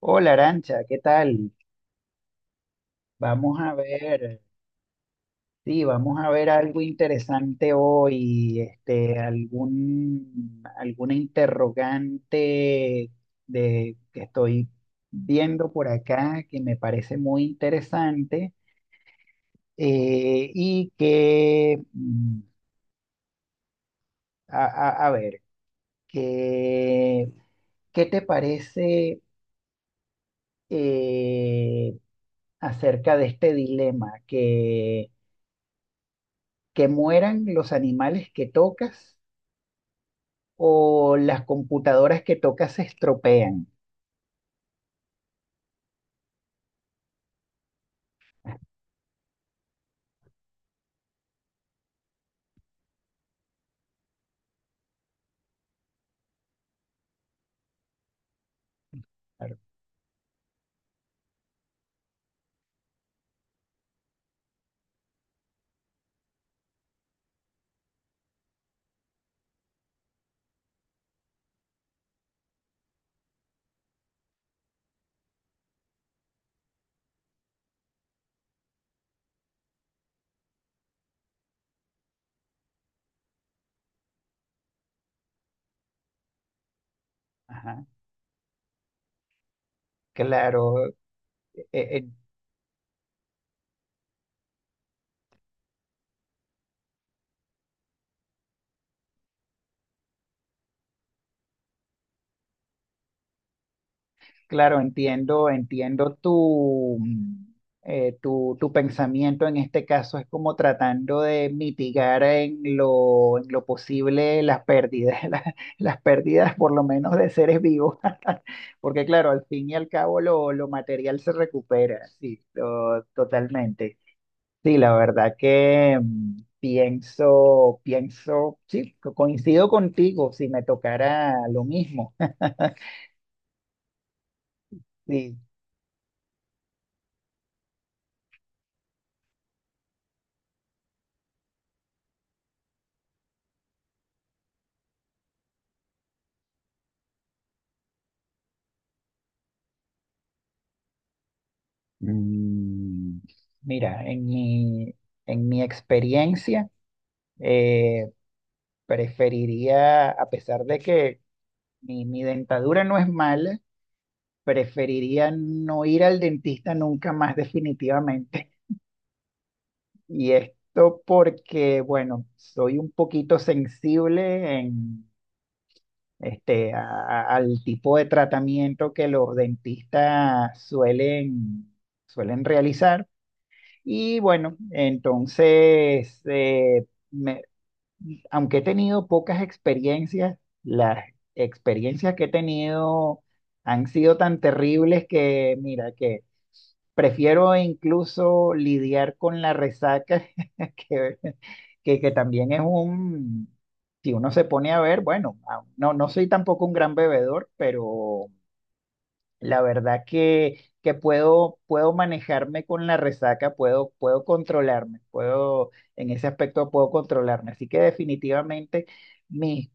Hola Arancha, ¿qué tal? Vamos a ver, sí, vamos a ver algo interesante hoy, este, algún, alguna interrogante de, que estoy viendo por acá que me parece muy interesante y que, a, a- a ver, que, ¿qué te parece eh, acerca de este dilema que mueran los animales que tocas o las computadoras que tocas se estropean. Claro, ajá, claro, eh, eh, claro, entiendo, entiendo tu, tu, tu pensamiento en este caso es como tratando de mitigar en lo posible las pérdidas, las pérdidas por lo menos de seres vivos, porque claro, al fin y al cabo lo material se recupera, sí, to- totalmente. Sí, la verdad que pienso, pienso, sí, co- coincido contigo si me tocara lo mismo. Sí. Mm, mira, en mi experiencia, eh, preferiría, a pesar de que mi dentadura no es mala, preferiría no ir al dentista nunca más definitivamente. Y esto porque, bueno, soy un poquito sensible en este, a- al tipo de tratamiento que los dentistas suelen, suelen realizar. Y bueno, entonces, me- aunque he tenido pocas experiencias, las experiencias que he tenido han sido tan terribles que, mira, que prefiero incluso lidiar con la resaca, que, que también es un, si uno se pone a ver, bueno, a- no, no soy tampoco un gran bebedor, pero la verdad que puedo, puedo manejarme con la resaca, puedo, puedo controlarme, puedo, en ese aspecto puedo controlarme. Así que definitivamente mis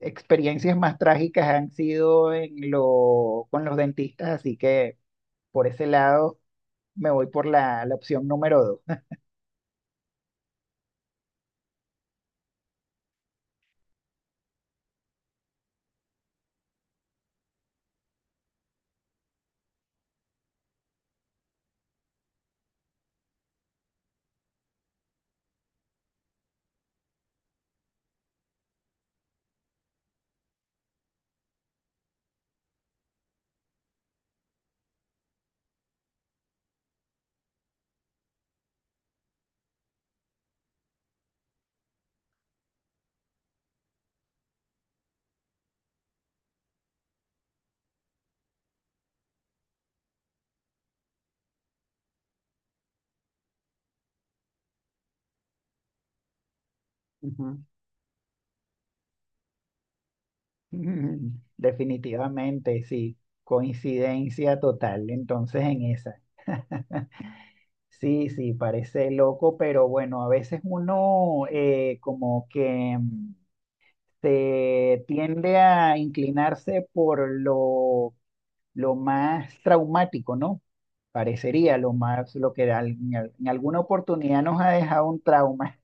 experiencias más trágicas han sido en lo, con los dentistas, así que por ese lado me voy por la, la opción número dos. Ujú. Definitivamente, sí, coincidencia total, entonces en esa. Sí, sí, parece loco, pero bueno, a veces uno como que se tiende a inclinarse por lo más traumático, ¿no? Parecería lo más, lo que al- en, al- en alguna oportunidad nos ha dejado un trauma.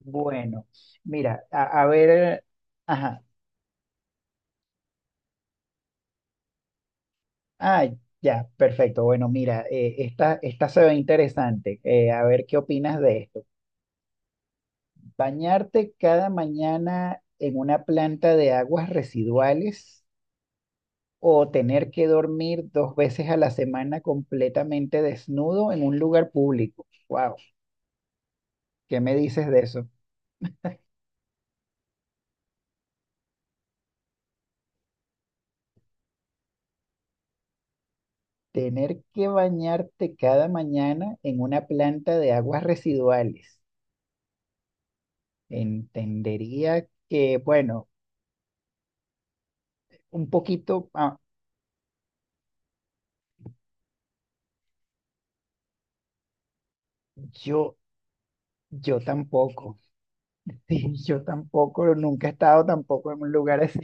Bueno, mira, a ver, ajá, ah, ya, perfecto. Bueno, mira, esta, esta se ve interesante. A ver qué opinas de esto. Bañarte cada mañana en una planta de aguas residuales o tener que dormir dos veces a la semana completamente desnudo en un lugar público. Wow, ¿qué me dices de eso? Tener que bañarte cada mañana en una planta de aguas residuales. Entendería que, bueno, un poquito, ah, yo, yo tampoco. Sí, yo tampoco, nunca he estado tampoco en un lugar así.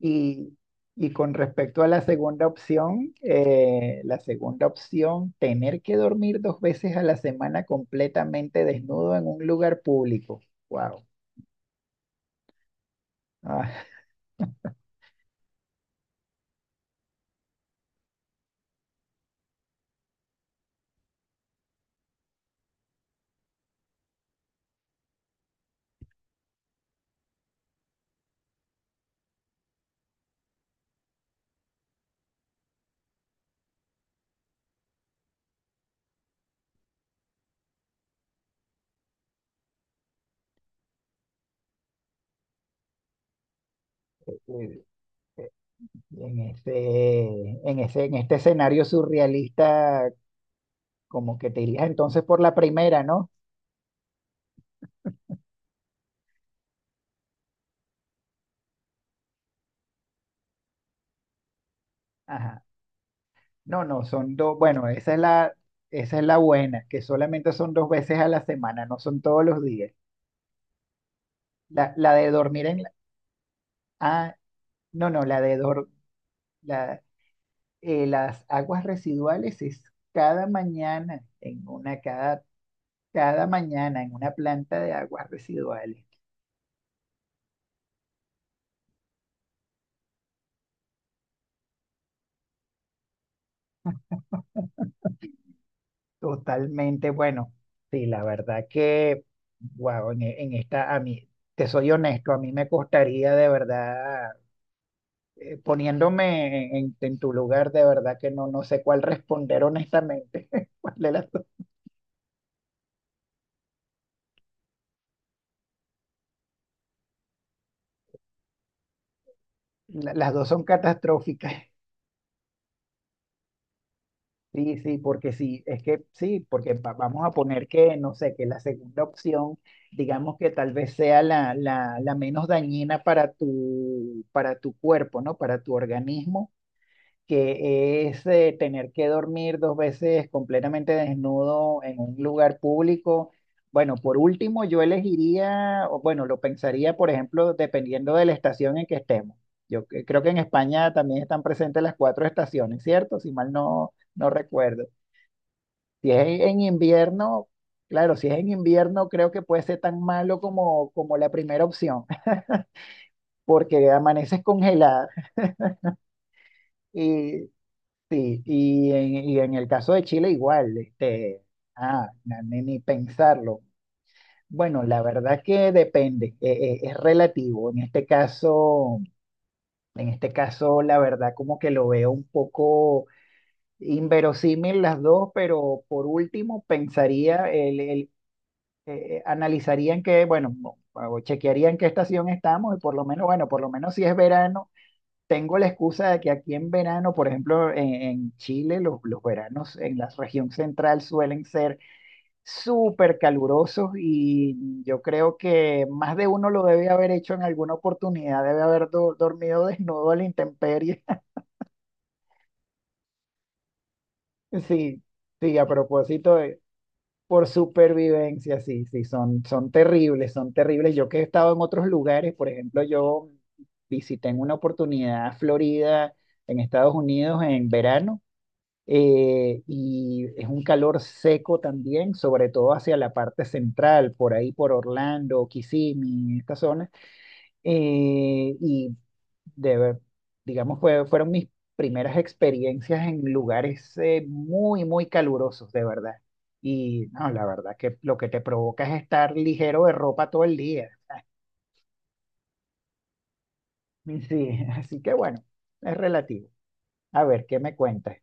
Y, y con respecto a la segunda opción, tener que dormir dos veces a la semana completamente desnudo en un lugar público. Wow. Ah, eh, eh, en ese, en ese, en este escenario surrealista, como que te irías entonces por la primera, ¿no? Ajá. No, no, son dos. Bueno, esa es la buena, que solamente son dos veces a la semana, no son todos los días. La de dormir en la, ah, no, no, la de dormir La- las aguas residuales es cada mañana en una, cada, cada mañana en una planta de aguas residuales. Totalmente bueno. Sí, la verdad que, wow, en, e- en esta, a mí, te soy honesto, a mí me costaría de verdad, poniéndome en tu lugar, de verdad que no, no sé cuál responder honestamente. ¿Cuál de las dos? La- las dos son catastróficas. Sí, sí, porque sí, es que sí, porque va- vamos a poner que, no sé, que la segunda opción, digamos que tal vez sea la, la, la menos dañina para tu cuerpo, ¿no? Para tu organismo, que es tener que dormir dos veces completamente desnudo en un lugar público. Bueno, por último, yo elegiría, o bueno, lo pensaría, por ejemplo, dependiendo de la estación en que estemos. Yo cre- creo que en España también están presentes las cuatro estaciones, ¿cierto? Si mal no, no recuerdo. Si es en invierno, claro, si es en invierno, creo que puede ser tan malo como, como la primera opción, porque amaneces congelada. Y, sí, y en el caso de Chile igual, este, ah, na- ni, ni pensarlo. Bueno, la verdad que depende, es relativo. En este caso, la verdad como que lo veo un poco inverosímil las dos, pero por último pensaría el analizarían que, bueno, o chequearían qué estación estamos y por lo menos, bueno, por lo menos si es verano, tengo la excusa de que aquí en verano, por ejemplo, en Chile, los veranos en la región central suelen ser súper calurosos y yo creo que más de uno lo debe haber hecho en alguna oportunidad, debe haber do- dormido desnudo a la intemperie. Sí, sí, a propósito, por supervivencia, sí, sí, son, son terribles, son terribles. Yo que he estado en otros lugares, por ejemplo, yo visité en una oportunidad Florida, en Estados Unidos, en verano, y es un calor seco también, sobre todo hacia la parte central, por ahí por Orlando, Kissimmee, esta zona, y de ver, digamos, fue- fueron mis primeras experiencias en lugares muy, muy calurosos, de verdad. Y no, la verdad que lo que te provoca es estar ligero de ropa todo el día. Y sí, así que bueno, es relativo. A ver, ¿qué me cuentas?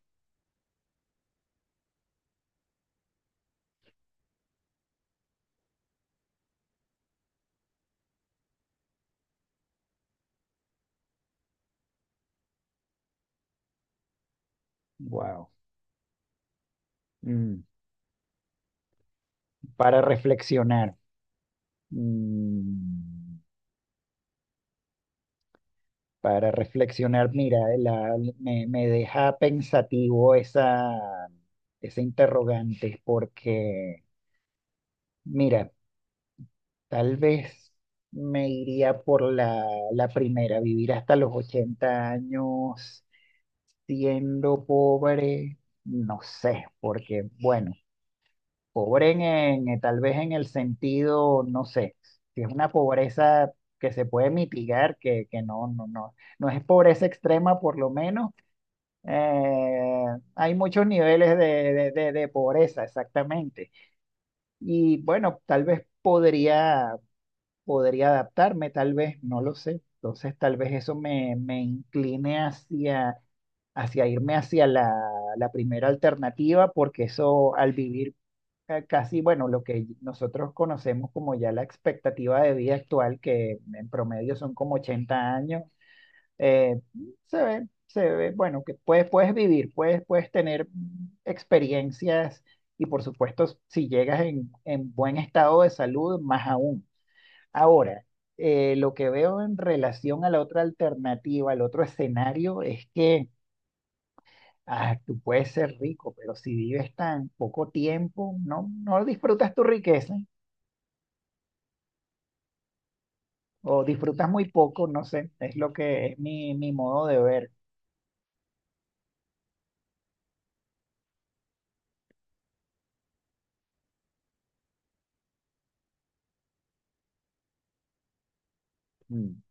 Wow, para reflexionar. mm, para reflexionar, mira, la- me deja pensativo esa, esa interrogante, porque, mira, tal vez me iría por la, la primera, vivir hasta los 80 años siendo pobre, no sé, porque bueno, pobre en- tal vez en el sentido, no sé, si es una pobreza que se puede mitigar, que no, no, no, no es pobreza extrema por lo menos, eh, hay muchos niveles de, de pobreza, exactamente. Y bueno, tal vez podría podría adaptarme, tal vez, no lo sé. Entonces, tal vez eso me, me incline hacia, hacia irme hacia la, la primera alternativa, porque eso al vivir ca- casi, bueno, lo que nosotros conocemos como ya la expectativa de vida actual, que en promedio son como 80 años, eh, se ve, bueno, que puedes, puedes vivir, puedes, puedes tener experiencias y por supuesto, si llegas en buen estado de salud, más aún. Ahora, lo que veo en relación a la otra alternativa, al otro escenario, es que ah, tú puedes ser rico, pero si vives tan poco tiempo, no, no disfrutas tu riqueza o disfrutas muy poco, no sé, es lo que es mi, mi modo de ver. Mm,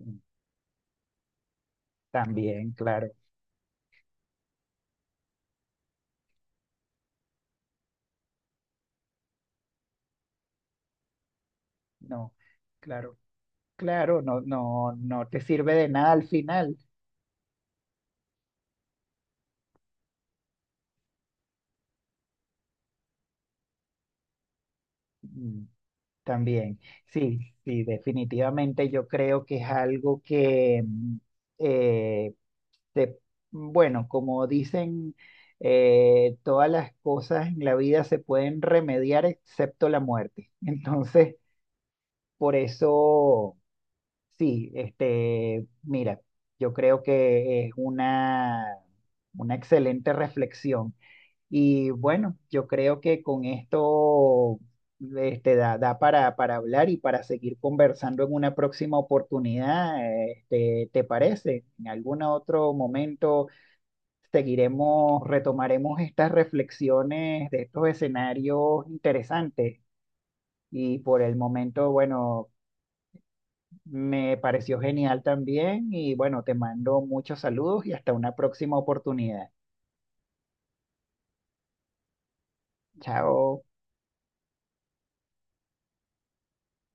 mm, También, claro, no, claro, claro, no, no, no te sirve de nada al final. Mm, También, sí, sí, definitivamente yo creo que es algo que... eh, te- bueno, como dicen, todas las cosas en la vida se pueden remediar excepto la muerte. Entonces, por eso, sí, este, mira, yo creo que es una excelente reflexión. Y bueno, yo creo que con esto, este, da, da para hablar y para seguir conversando en una próxima oportunidad. Este, ¿te parece? En algún otro momento seguiremos, retomaremos estas reflexiones de estos escenarios interesantes. Y por el momento, bueno, me pareció genial también y bueno, te mando muchos saludos y hasta una próxima oportunidad. Chao.